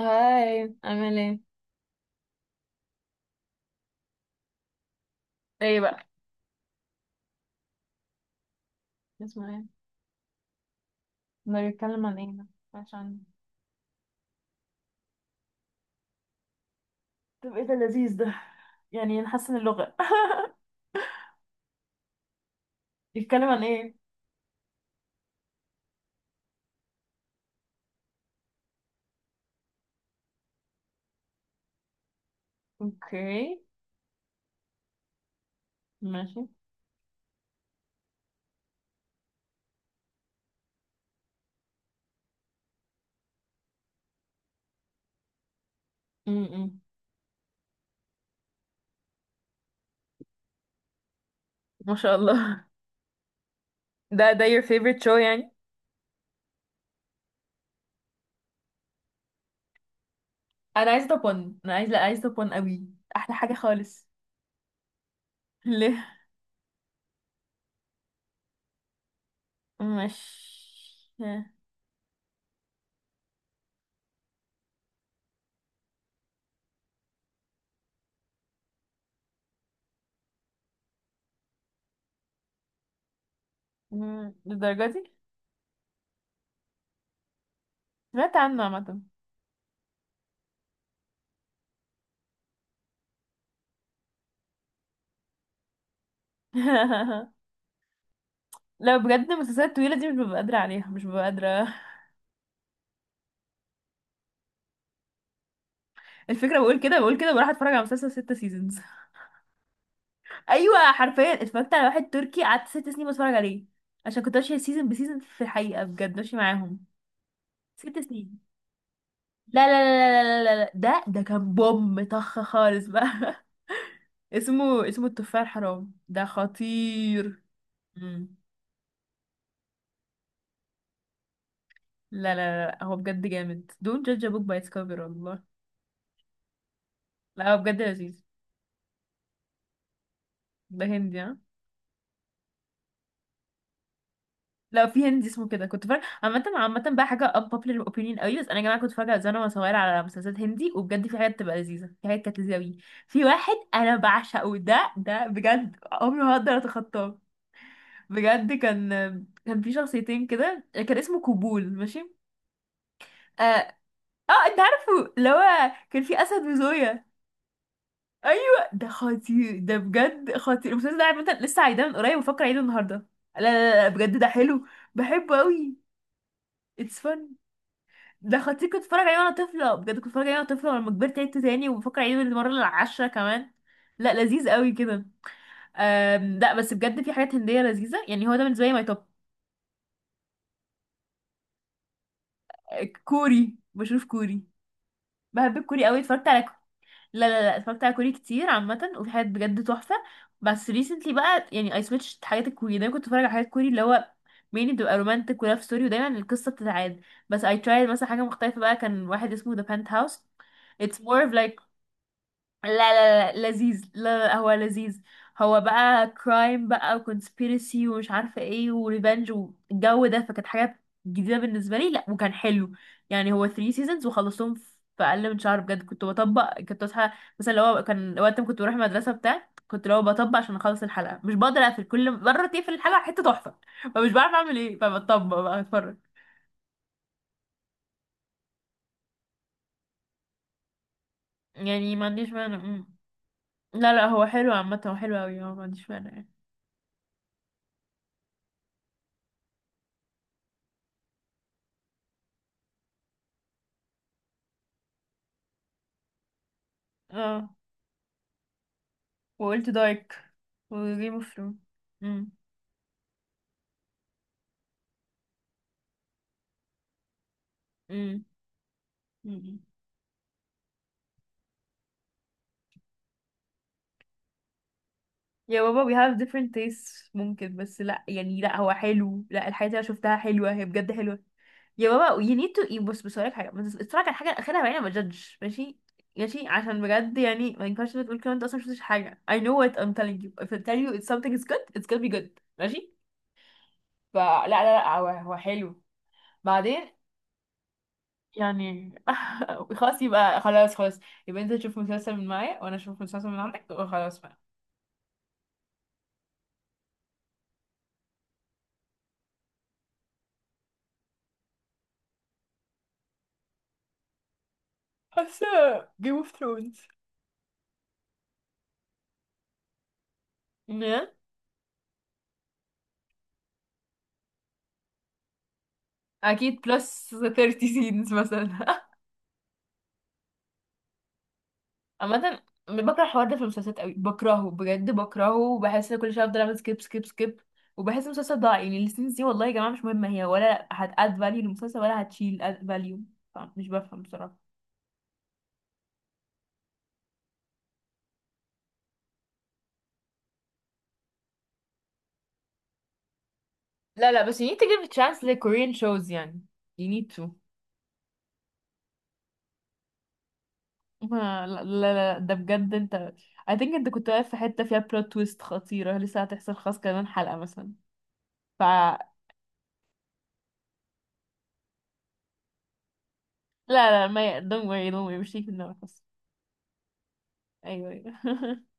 هاي، عامل ايه؟ ايه بقى؟ اسمه ايه؟ ده بيتكلم عن ايه ده؟ عشان... طب ايه ده؟ لذيذ ده، يعني نحسن اللغة. بيتكلم عن ايه؟ اوكي. ماشي. امم. ما شاء الله. ده your favorite show يعني. انا عايزة طبون، انا عايزة، لا، عايزة طبون قوي. احلى حاجة خالص. ليه؟ مش... مم، للدرجة دي. سمعت عنه عامة. لو بجد المسلسلات الطويلة دي، مش ببقى قادرة عليها، مش ببقى قادرة. الفكرة، بقول كده، بقول كده بروح اتفرج على مسلسل ست سيزونز. ايوه، حرفيا اتفرجت على واحد تركي، قعدت 6 سنين بتفرج عليه. عشان كنت ماشية سيزون بسيزون، في الحقيقة بجد ماشية معاهم. 6 سنين. لا لا لا لا لا لا لا، ده كان بوم طخ خالص بقى. اسمه التفاح الحرام، ده خطير. مم. لا لا لا لا، هو بجد جامد، don't judge a book by its cover والله. لا، هو بجد لذيذ. ده هندي؟ ها. لا، في هندي اسمه كده، كنت فاكره. عامة عامة بقى، حاجة unpopular opinion قوي، بس أنا يا جماعة كنت فاكره زمان وأنا صغيرة على مسلسلات هندي، وبجد في حاجات تبقى لذيذة، في حاجات كانت لذيذة أوي. في واحد أنا بعشقه، ده بجد عمري ما هقدر أتخطاه. بجد كان في شخصيتين كده، كان اسمه كوبول، ماشي. اه، آه أنت عارفه، اللي هو كان في أسد وزوية. أيوه، ده خطير، ده بجد خطير المسلسل ده. عامة لسه عايداه من قريب، وفاكرة أعيده النهاردة. لا لا لا، بجد ده حلو. بحبه أوي. it's fun. ده خطير، كنت بتفرج عليه وانا طفله، بجد كنت بتفرج عليه وانا طفله، ولما كبرت عدته تاني، وبفكر اعيده المره العاشره كمان. لا، لذيذ قوي كده. لا بس بجد في حاجات هنديه لذيذه، يعني هو ده بالنسبه لي ماي توب. كوري، بشوف كوري. بحب الكوري قوي، اتفرجت على... لا لا لا، اتفرجت على كوري كتير عامه، وفي حاجات بجد تحفه. بس ريسنتلي بقى، يعني اي سويتش، حاجات الكوري دايما كنت بتفرج على حاجات كوري، اللي هو مين، بتبقى رومانتك ولاف ستوري، ودايما القصه بتتعاد. بس اي ترايد مثلا حاجه مختلفه بقى، كان واحد اسمه ذا بنت هاوس، اتس مور اوف... لا لا لا لذيذ، لا لا هو لذيذ. هو بقى كرايم بقى، وكونسبيرسي، ومش عارفة ايه، وريفنج والجو ده، فكانت حاجة جديدة بالنسبة لي، لا وكان حلو. يعني هو 3 سيزونز وخلصتهم في أقل من شهر. بجد كنت بطبق، كنت أصحى مثلا، لو هو كان وقت ما كنت بروح المدرسة بتاع، كنت لو بطبق عشان أخلص الحلقة، مش بقدر أقفل، كل مرة تقفل الحلقة حتة تحفة، فمش بعرف أعمل ايه، فبطبق بقى أتفرج. يعني ما عنديش مانع. لا لا، هو حلو عامة، هو حلو أوي، هو ما عنديش مانع يعني. اه. وقلت دارك. وجيم اوف ثرونز. امم. امم. امم. يا بابا we have different tastes، ممكن، بس لا يعني، لا هو حلو، لا الحاجات اللي انا شفتها حلوة، هي بجد حلوة. يا بابا you need to... بص بص، هقولك حاجة، بس اتفرج على الحاجة الأخيرة بعدين ما تجدش، ماشي؟ ماشي، عشان بجد يعني ما ينفعش تقول كده، انت اصلا مشفتش حاجة. I know what I'm telling you, if I tell you it's something is good, it's gonna be good. ماشي. فلا لا لا، هو هو حلو. بعدين... يعني، خلاص يبقى، خلاص خلاص. يبقى انت تشوف مسلسل من معايا، وانا اشوف مسلسل من عندك، وخلاص بقى. حاسه. جيم اوف ثرونز. اكيد بلس 30 سينز مثلا. عامه. بكره الحوار ده في المسلسلات قوي، بكرهه بجد بكرهه، وبحس ان كل شويه افضل اعمل سكيب سكيب سكيب، وبحس المسلسل ضاع، يعني السينز دي والله يا جماعه مش مهمه هي، ولا هتاد فاليو للمسلسل، ولا هتشيل اد فاليو، مش بفهم بصراحه. لا لا، بس you need to give a chance like Korean shows يعني. you need to. ما لا لا لا، ده بجد انت، I think انت كنت واقف في حتة فيها بلوت تويست خطيرة، لسه هتحصل خلاص كمان حلقة مثلا. ف لا، لا ما ي... don't worry don't worry، مش هيك في دماغك خلاص. ايوه ايوه.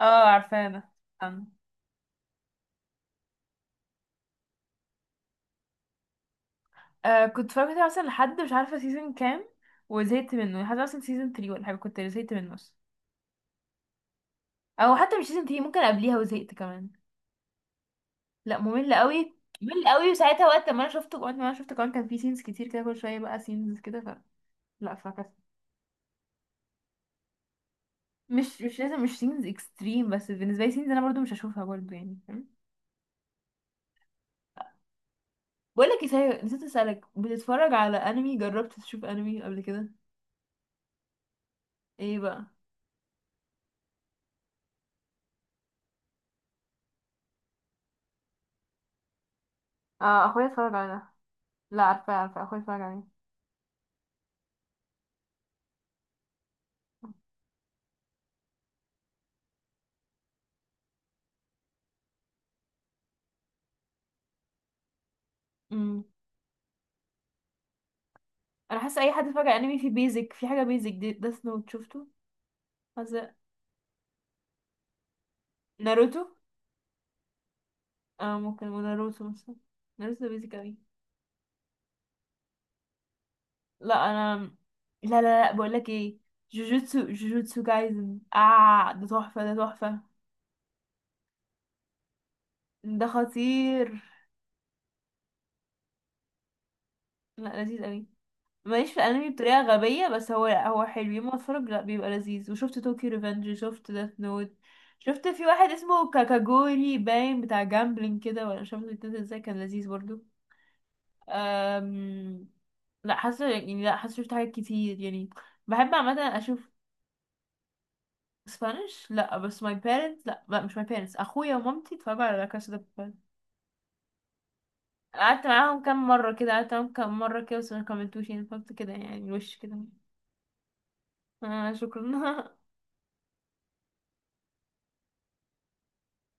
اه عارفاه انا. أنا. آه كنت فاكرة مثلا لحد مش عارفة سيزون كام، وزهقت منه لحد مثلا سيزون 3 ولا حاجة، كنت زهقت منه اصلا، او حتى مش سيزون 3، ممكن قبليها وزهقت كمان. لا ممل قوي، ممل قوي. وساعتها وقت ما انا شفته، وقت ما انا شفته كمان، كان في سينز كتير كده، كل شوية بقى سينز كده، ف لا. مش لازم، مش سينز اكستريم، بس بالنسبه لي سينز انا برضو مش هشوفها برضو، يعني فاهم. بقول لك ايه صحيح، نسيت اسالك، بتتفرج على انمي؟ جربت تشوف انمي قبل كده؟ ايه بقى؟ اه اخويا اتفرج على ده. لا عارفه، عارفه اخويا اتفرج عليه. امم. انا حاسه اي حد اتفرج على انمي، في بيزك، في حاجه بيزك دي، ديث نوت شفته؟ حاسه. ناروتو. اه ممكن، وناروتو مثلا. ناروتو بيزك اوي. لا انا... لا لا لا، بقول لك ايه. جوجوتسو جايزن، اه ده تحفه، ده تحفه. ده خطير. لا لذيذ قوي. ماليش في الانمي بطريقه غبيه، بس هو، هو حلو يوم ما اتفرج، لا بيبقى لذيذ، وشفت طوكيو ريفنج، شفت داث نوت. شفت في واحد اسمه كاكاجوري باين، بتاع جامبلينج كده ولا مش عارفه بيتنزل ازاي، كان لذيذ برضو. أم... لا حاسه يعني، لا حاسه شفت حاجات كتير يعني، بحب عامه اشوف. سبانش، لا بس ماي بيرنتس، لا، لا مش ماي بيرنتس، اخويا ومامتي اتفرجوا على لا كاسا دي بابيل. قعدت معاهم كام مره كده، قعدت معاهم كام مره كده، بس ما كملتوش، يعني فهمت كده يعني الوش كده. آه شكرا.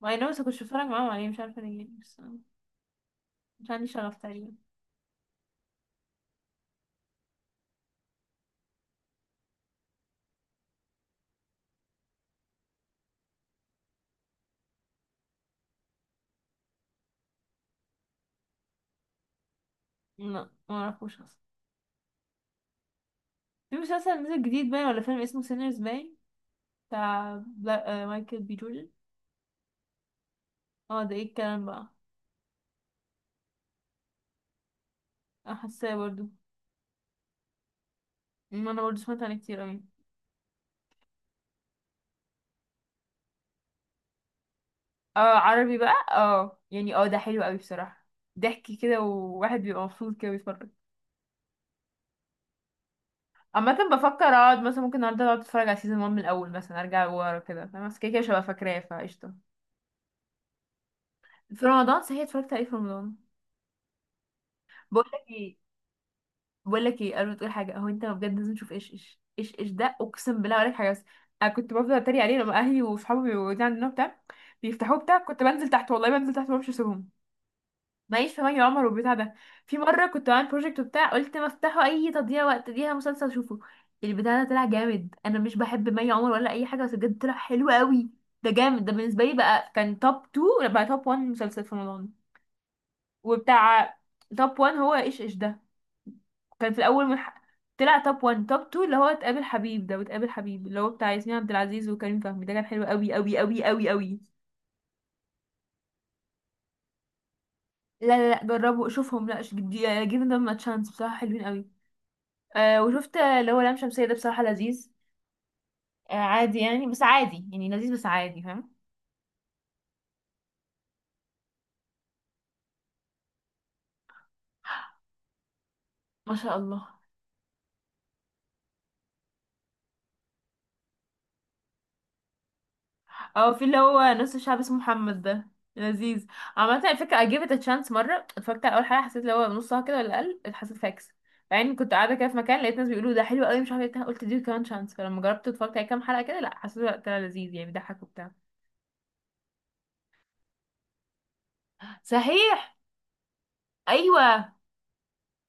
ما انا بس كنت بتفرج معاهم عليه، مش عارفه ليه بس، مش عندي شغف تقريبا. لا، ما اعرفوش اصلا. في مسلسل نزل جديد باين، ولا فيلم اسمه سينرز باين، بتاع بلا... آه مايكل بي جوردن. اه، ده ايه الكلام بقى؟ حاساه برضو. ما انا برضو سمعت عنه كتير اوي. اه، عربي بقى، اه يعني، اه ده حلو قوي بصراحة. ضحك كده، وواحد بيبقى مبسوط كده بيتفرج. عامة بفكر اقعد مثلا، ممكن النهارده اقعد اتفرج على سيزون 1 من الاول مثلا، ارجع ورا كده، فاهمة؟ بس كده كده مش هبقى فاكراه، فقشطة. في رمضان صحيح، اتفرجت عليه في رمضان. بقول لك ايه، بقول لك ايه قبل ما تقول حاجه، هو انت بجد لازم تشوف ايش ايش ايش ايش ده، اقسم بالله عليك، حاجه بس. انا كنت بفضل اتريق عليه لما اهلي وصحابي بيقعدوا عندنا بتاع، بيفتحوه بتاع، كنت بنزل تحت، والله بنزل تحت، ما بعرفش اسيبهم. ماليش في مي عمر والبتاع ده. في مره كنت بعمل بروجكت وبتاع، قلت ما افتحه، اي تضييع وقت، ليها مسلسل اشوفه. البتاع ده طلع جامد، انا مش بحب مي عمر ولا اي حاجه، بس بجد طلع حلو قوي. ده جامد، ده بالنسبه لي بقى كان توب 2 بقى، توب 1 مسلسل في رمضان. وبتاع. توب 1 هو ايش ايش ده، كان في الاول من ح... طلع توب 1، توب 2، اللي هو تقابل حبيب ده، وتقابل حبيب اللي هو بتاع ياسمين عبد العزيز وكريم فهمي، ده كان حلو قوي قوي قوي قوي قوي. لا لا لا، جربوا شوفهم، لا، جيفن ذم ا تشانس، بصراحة حلوين قوي. آه وشفت اللي هو لام شمسية، ده بصراحة لذيذ. عادي يعني، بس عادي يعني، لذيذ بس عادي فاهم. ما شاء الله. اه في اللي هو نص الشعب اسمه محمد ده، لذيذ. عامة على فكرة I gave it a chance مرة، اتفرجت على أول حلقة، حسيت اللي هو نصها كده ولا أقل، حسيت فاكس يعني، كنت قاعدة كده في مكان، لقيت ناس بيقولوا ده حلو قوي، مش عارفة ايه، قلت دي كمان شانس، فلما جربت اتفرجت على كام حلقة كده، لا حسيت وقتها لذيذ، يعني بيضحك وبتاع. صحيح. أيوة.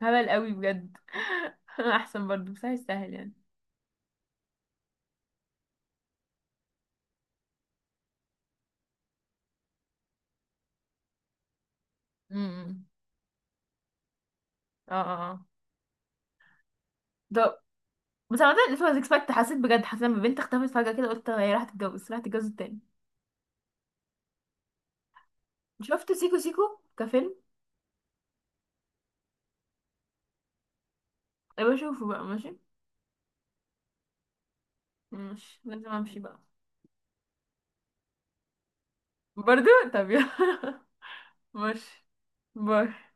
هبل قوي بجد. أحسن برضه، بس هيستاهل يعني. امم. اه اه اه. ده، بس عامة it was expected، حسيت بجد، حسيت لما بنت اختفت فجأة كده، قلت هي راحت تتجوز، راحت تتجوز التاني. شفت سيكو سيكو كفيلم؟ أبقى أشوفه بقى، ماشي. ماشي، لازم أمشي بقى. برضو. طب يلا. ماشي. باي.